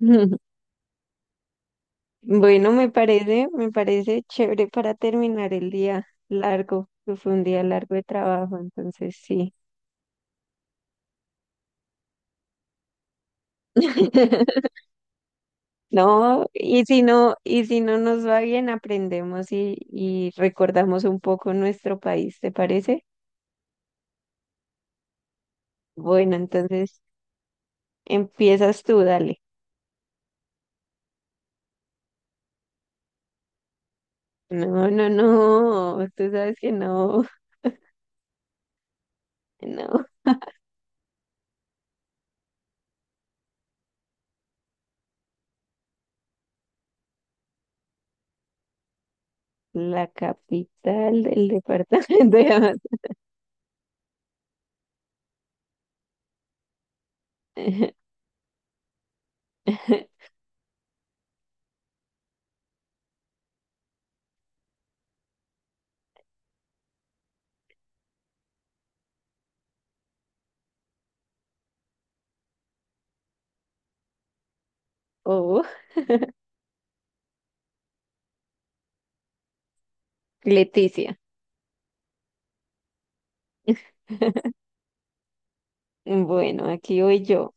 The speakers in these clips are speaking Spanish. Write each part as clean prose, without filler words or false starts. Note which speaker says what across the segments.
Speaker 1: Bueno, me parece chévere para terminar el día largo, que fue un día largo de trabajo, entonces sí. No, y si no nos va bien, aprendemos y recordamos un poco nuestro país, ¿te parece? Bueno, entonces empiezas tú, dale. No, no, no, tú sabes que no, no. La capital del departamento de Amazon. Oh, Leticia. Bueno, aquí voy yo.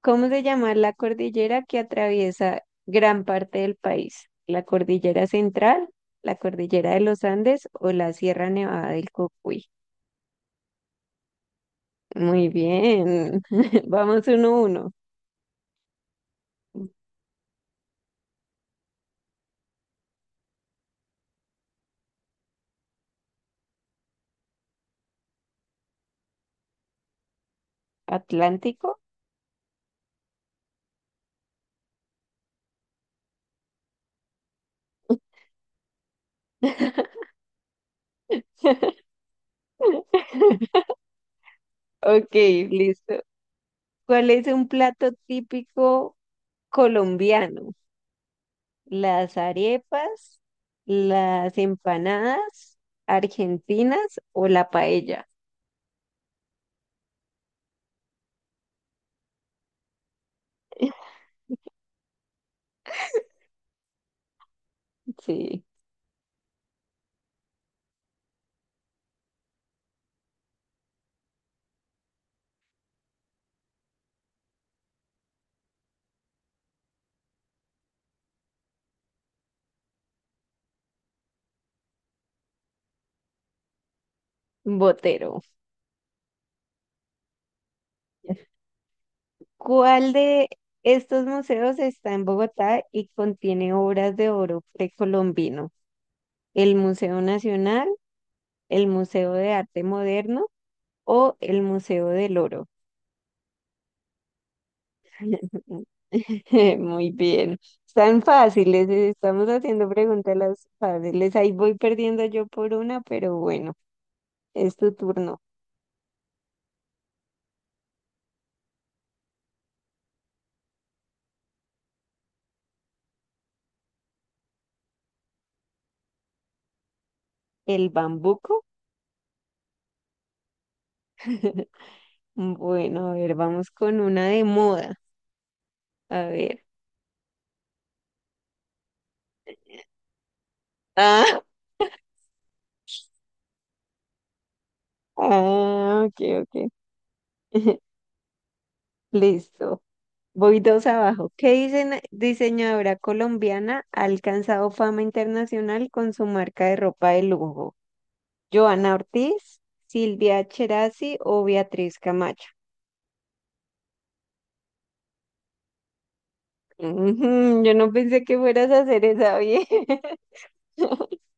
Speaker 1: ¿Cómo se llama la cordillera que atraviesa gran parte del país? ¿La cordillera central, la cordillera de los Andes o la Sierra Nevada del Cocuy? Muy bien. Vamos uno a uno. ¿Atlántico? Ok, listo. ¿Cuál es un plato típico colombiano? ¿Las arepas, las empanadas argentinas o la paella? Sí. Botero. ¿Cuál de estos museos está en Bogotá y contiene obras de oro precolombino? ¿El Museo Nacional, el Museo de Arte Moderno o el Museo del Oro? Muy bien. Están fáciles, estamos haciendo preguntas las fáciles. Ahí voy perdiendo yo por una, pero bueno, es tu turno. ¿El bambuco? Bueno, a ver, vamos con una de moda. A ver. Ah, Ah, ok, ok. Listo. Voy dos abajo. ¿Qué dicen, diseñadora colombiana ha alcanzado fama internacional con su marca de ropa de lujo? ¿Joana Ortiz, Silvia Cherasi o Beatriz Camacho? Ujú, yo no pensé que fueras a hacer esa bien.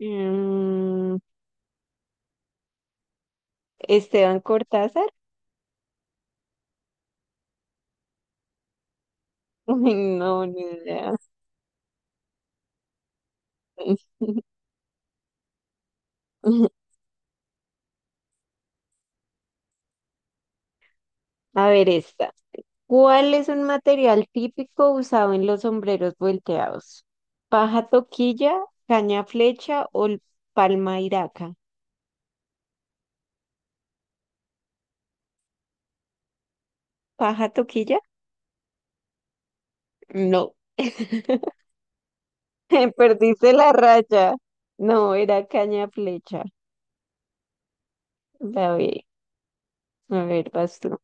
Speaker 1: Mm, Esteban Cortázar. Uy, no, ni idea. A ver esta. ¿Cuál es un material típico usado en los sombreros volteados? ¿Paja toquilla, caña flecha o palma iraca? ¿Paja toquilla? No. Perdiste la raya. No, era caña flecha. La B. A ver, vas tú.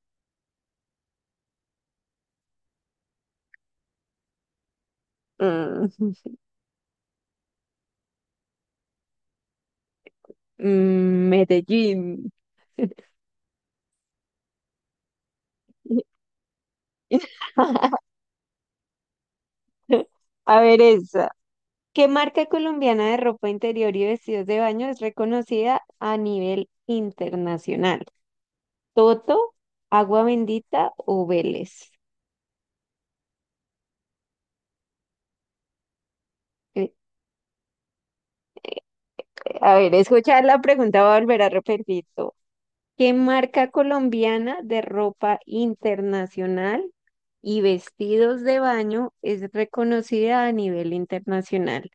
Speaker 1: Mm, Medellín. A ver, esa. ¿Qué marca colombiana de ropa interior y vestidos de baño es reconocida a nivel internacional? ¿Toto, Agua Bendita o Vélez? Eh, A ver, escuchar la pregunta, voy a volver a repetir. Todo. ¿Qué marca colombiana de ropa internacional y vestidos de baño es reconocida a nivel internacional?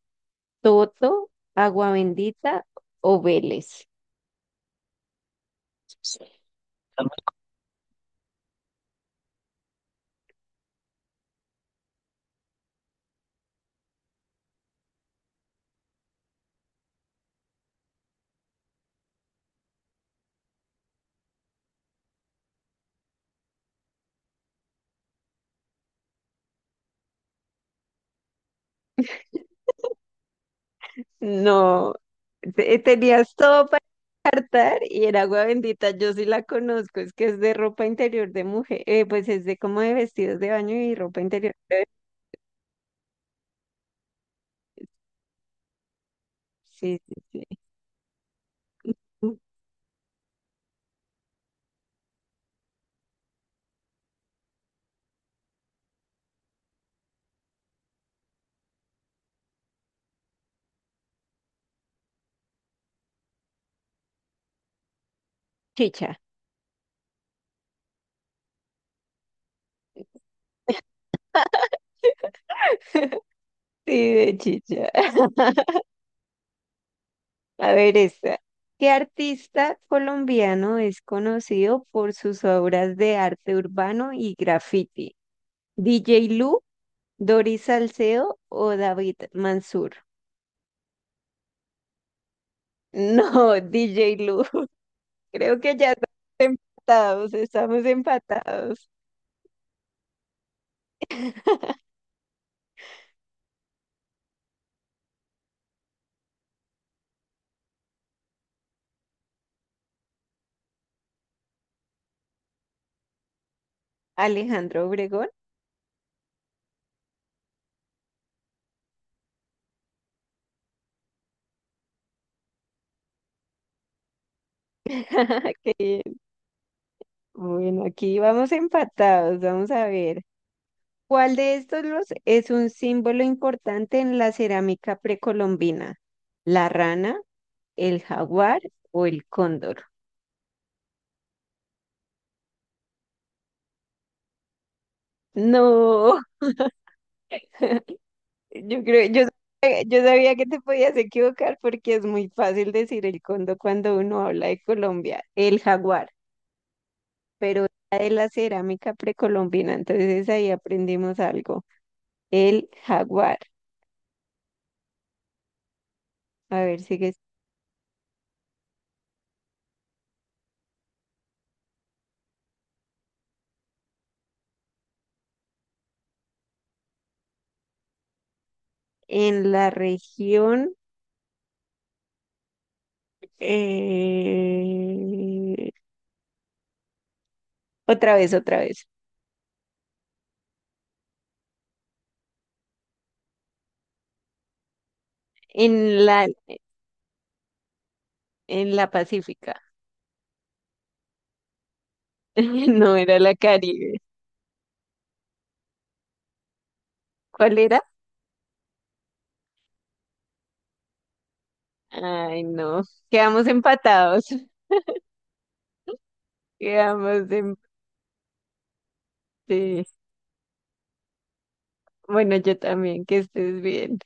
Speaker 1: ¿Toto, Agua Bendita o Vélez? No, te- tenías todo estar y era agua bendita, yo sí la conozco, es que es de ropa interior de mujer, pues es de como de vestidos de baño y ropa interior. De- Sí, sí, sí. Chicha. Sí, de chicha. A ver esta. ¿Qué artista colombiano es conocido por sus obras de arte urbano y graffiti? ¿DJ Lu, Doris Salcedo o David Mansur? No, DJ Lu. Creo que ya estamos empatados, estamos empatados. Alejandro Obregón, qué bien. Bueno, aquí vamos empatados, vamos a ver. ¿Cuál de estos los es un símbolo importante en la cerámica precolombina? ¿La rana, el jaguar o el cóndor? No, yo creo, yo sabía que te podías equivocar porque es muy fácil decir el cóndor cuando uno habla de Colombia. El jaguar. Pero era de la cerámica precolombina, entonces ahí aprendimos algo. El jaguar, a ver, sigues en la región, eh, otra vez, en la, en la Pacífica, no era la Caribe. ¿Cuál era? Ay, no, quedamos empatados, quedamos en... sí. Bueno, yo también, que estés bien.